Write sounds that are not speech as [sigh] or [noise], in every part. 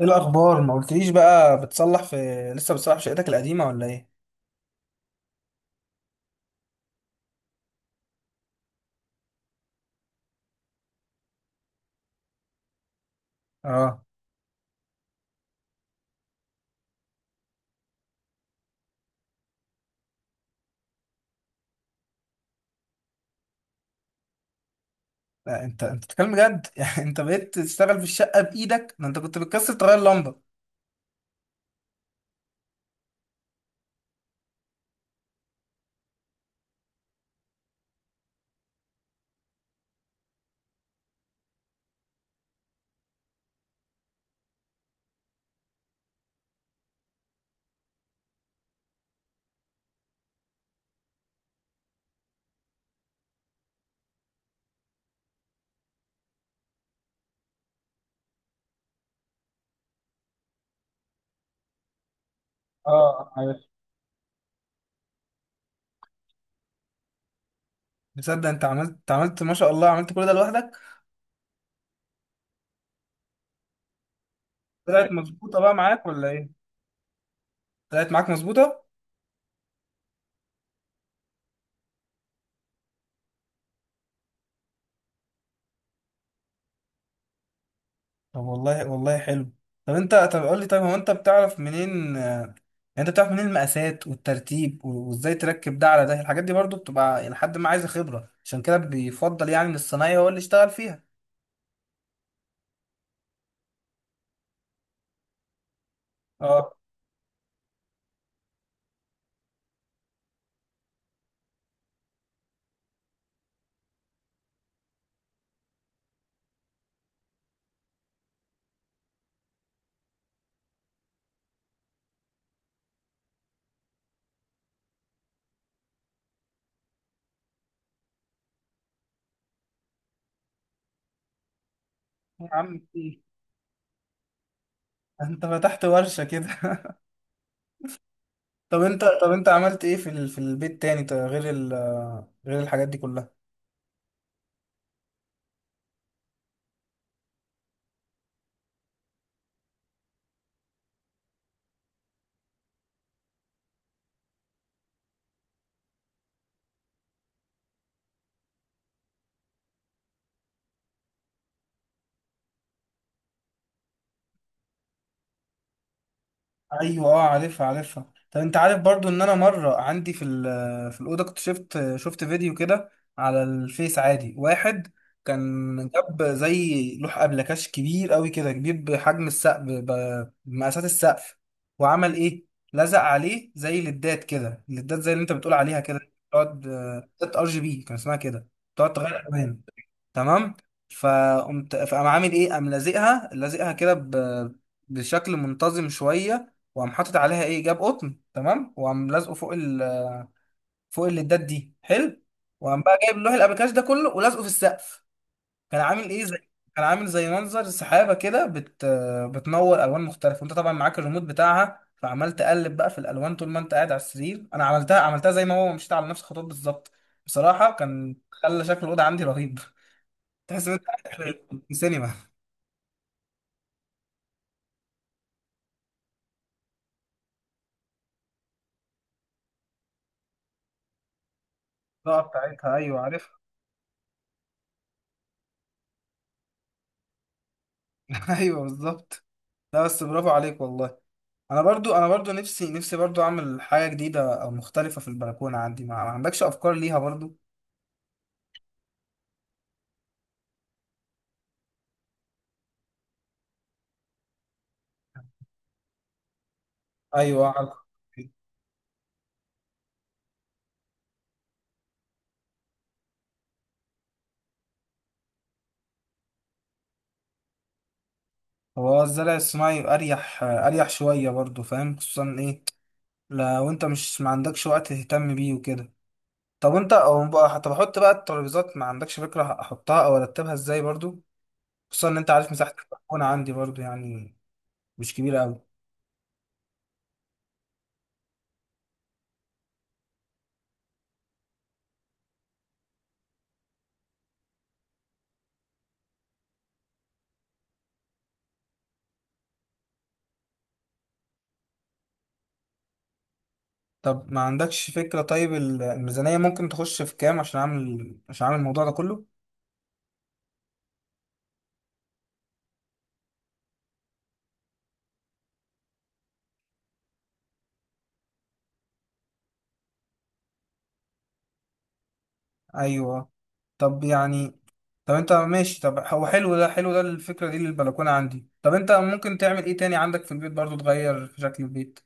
ايه الاخبار؟ ما قلتليش بقى، بتصلح في لسه بتصلح في شقتك القديمه ولا ايه؟ اه، لا انت بتتكلم بجد؟ [laughs] يعني انت بقيت تشتغل في الشقه بايدك؟ ده انت كنت بتكسر تغير لمبه. اه عارف. تصدق انت عملت ما شاء الله، عملت كل ده لوحدك؟ طلعت مظبوطه بقى معاك ولا ايه؟ طلعت معاك مظبوطه. طب والله، والله حلو. طب انت، طب قول لي، طيب هو انت بتعرف منين؟ يعني انت بتعرف منين المقاسات والترتيب وازاي تركب ده على ده؟ الحاجات دي برضو بتبقى لحد ما عايزه خبره، عشان كده بيفضل يعني ان الصنايعي هو اللي يشتغل فيها. اه. يا عم إيه؟ انت فتحت ورشة كده؟ [laughs] طب انت، طب انت عملت ايه في في البيت تاني، غير غير الحاجات دي كلها؟ ايوه اه، عارفها عارفها. طب انت عارف؟ برضو ان انا مره عندي في في الاوضه، كنت شفت فيديو كده على الفيس عادي، واحد كان جاب زي لوح ابلكاش كبير قوي كده، كبير بحجم السقف، بمقاسات السقف. وعمل ايه؟ لزق عليه زي ليدات كده، ليدات زي اللي انت بتقول عليها كده. تقعد ليدات ار جي بي كان اسمها كده. تقعد تغير الوان. تمام. فقام عامل ايه؟ قام لازقها كده بشكل منتظم شويه، وقام حاطط عليها ايه؟ جاب قطن، تمام، وقام لازقه فوق فوق الليدات دي، حلو. وقام بقى جايب لوح الابيكاش ده كله ولازقه في السقف. كان عامل ايه؟ زي، كان عامل زي منظر سحابه كده بتنور الوان مختلفه، وانت طبعا معاك الريموت بتاعها، فعمال تقلب بقى في الالوان طول ما انت قاعد على السرير. انا عملتها زي ما هو، مشيت على نفس الخطوات بالظبط. بصراحه كان خلى شكل الاوضه عندي رهيب. تحس ان انت قاعد في السينما. القاعة بتاعتها، ايوه عارفها. [laughs] ايوه بالظبط. لا بس برافو عليك والله. انا برضو، انا برضو نفسي، نفسي برضو اعمل حاجه جديده او مختلفه في البلكونه عندي. ما عندكش افكار ليها برضو؟ ايوه على-. هو الزرع الصناعي اريح، اريح شويه برضو، فاهم؟ خصوصا ايه لو انت مش، ما عندكش وقت تهتم بيه وكده. طب انت او بقى، طب احط بقى الترابيزات، ما عندكش فكره احطها او ارتبها ازاي برضو؟ خصوصا ان انت عارف مساحه البلكونه عندي برضو، يعني مش كبيره قوي. طب ما عندكش فكرة، طيب الميزانية ممكن تخش في كام عشان عشان اعمل الموضوع ده كله؟ ايوه. طب يعني طب انت ماشي، طب هو حلو ده، حلو ده الفكرة دي للبلكونة عندي. طب انت ممكن تعمل ايه تاني عندك في البيت برضو، تغير في شكل البيت؟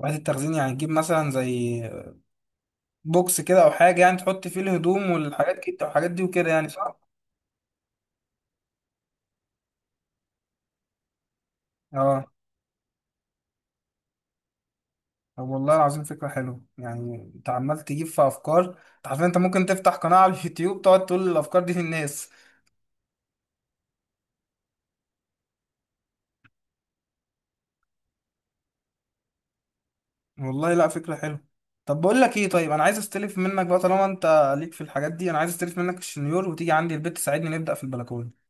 وحدة التخزين يعني تجيب مثلا زي بوكس كده او حاجة، يعني تحط فيه الهدوم والحاجات كده والحاجات دي وكده يعني، صح؟ اه. طب والله العظيم فكرة حلوة، يعني انت عمال تجيب في افكار. انت عارف انت ممكن تفتح قناة على اليوتيوب تقعد تقول الافكار دي للناس. والله لا فكرة حلوة. طب بقول لك ايه، طيب انا عايز استلف منك بقى طالما انت ليك في الحاجات دي، انا عايز استلف منك الشنيور وتيجي عندي البيت تساعدني نبدأ في البلكونة.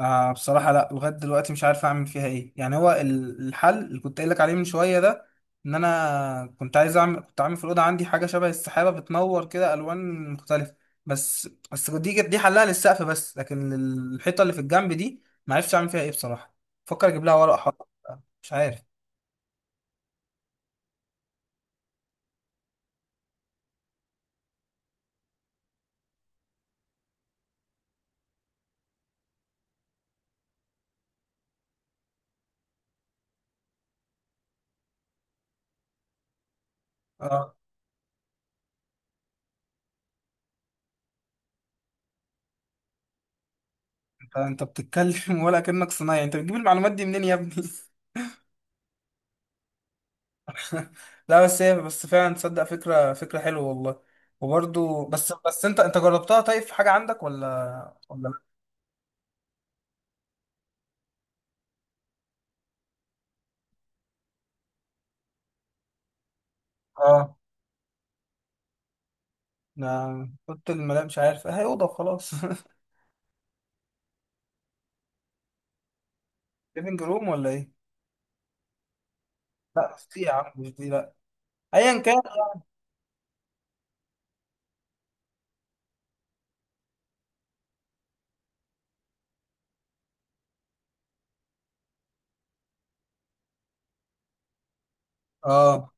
آه بصراحة لا، لغاية دلوقتي مش عارف اعمل فيها ايه، يعني هو الحل اللي كنت قايل لك عليه من شوية ده، ان انا كنت عايز اعمل كنت عامل في الأوضة عندي حاجة شبه السحابة بتنور كده الوان مختلفة. بس دي حلها للسقف بس، لكن الحيطة اللي في الجنب دي ما عرفتش اعمل فيها ايه بصراحة. فكر اجيب لها ورق حائط، مش عارف. آه. فانت بتتكلم [laughs] ولا كأنك صنايعي، انت بتجيب المعلومات دي منين يا ابني؟ [laughs] لا بس هي، بس فعلا تصدق فكرة، فكرة حلوة والله. وبرضو بس انت جربتها؟ طيب في حاجة عندك ولا؟ ولا لا. اه. انا قلت الملاك، مش عارف، هي اوضة وخلاص. [laughs] ليفنج روم ولا ايه؟ لا مش دي يا عم، مش دي، لا. ايا كان. اه.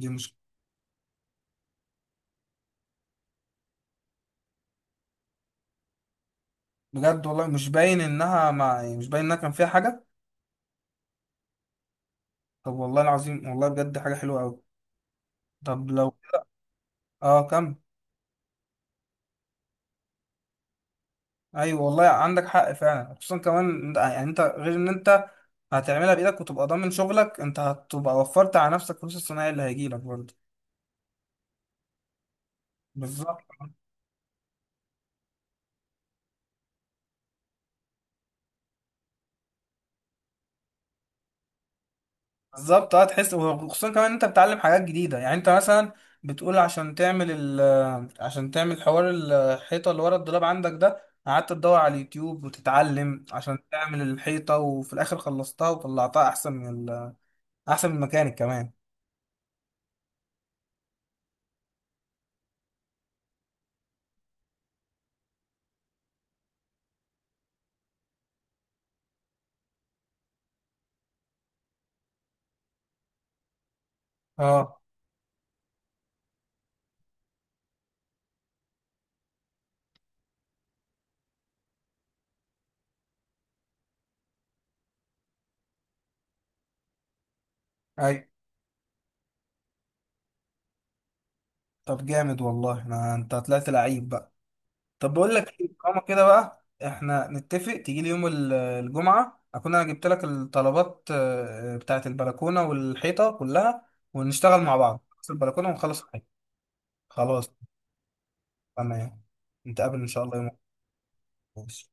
دي مش، بجد والله مش باين انها، مع يعني مش باين انها كان فيها حاجة. طب والله العظيم، والله بجد حاجة حلوة قوي. طب لو. اه كمل. ايوه والله عندك حق فعلا، خصوصا كمان إن-، يعني انت غير ان انت هتعملها بايدك وتبقى ضامن شغلك، انت هتبقى وفرت على نفسك فلوس الصناعي اللي هيجيلك برضه. بالظبط. بالظبط اه، تحس. وخصوصا كمان إن انت بتتعلم حاجات جديده، يعني انت مثلا بتقول عشان تعمل عشان تعمل حوار الحيطه اللي ورا الدولاب عندك ده، قعدت تدور على اليوتيوب وتتعلم عشان تعمل الحيطه، وفي الاخر خلصتها وطلعتها احسن من احسن من الميكانيك كمان. اه. ايوه. طب جامد والله. أنا-، انت طلعت لعيب بقى. طب بقول لك ايه، طالما كده بقى احنا نتفق، تيجي لي يوم الجمعة، اكون انا جبت لك الطلبات بتاعة البلكونة والحيطة كلها، ونشتغل مع بعض نخلص البلكونة ونخلص الحيطة. خلاص. تمام. نتقابل ان شاء الله يوم الخميس.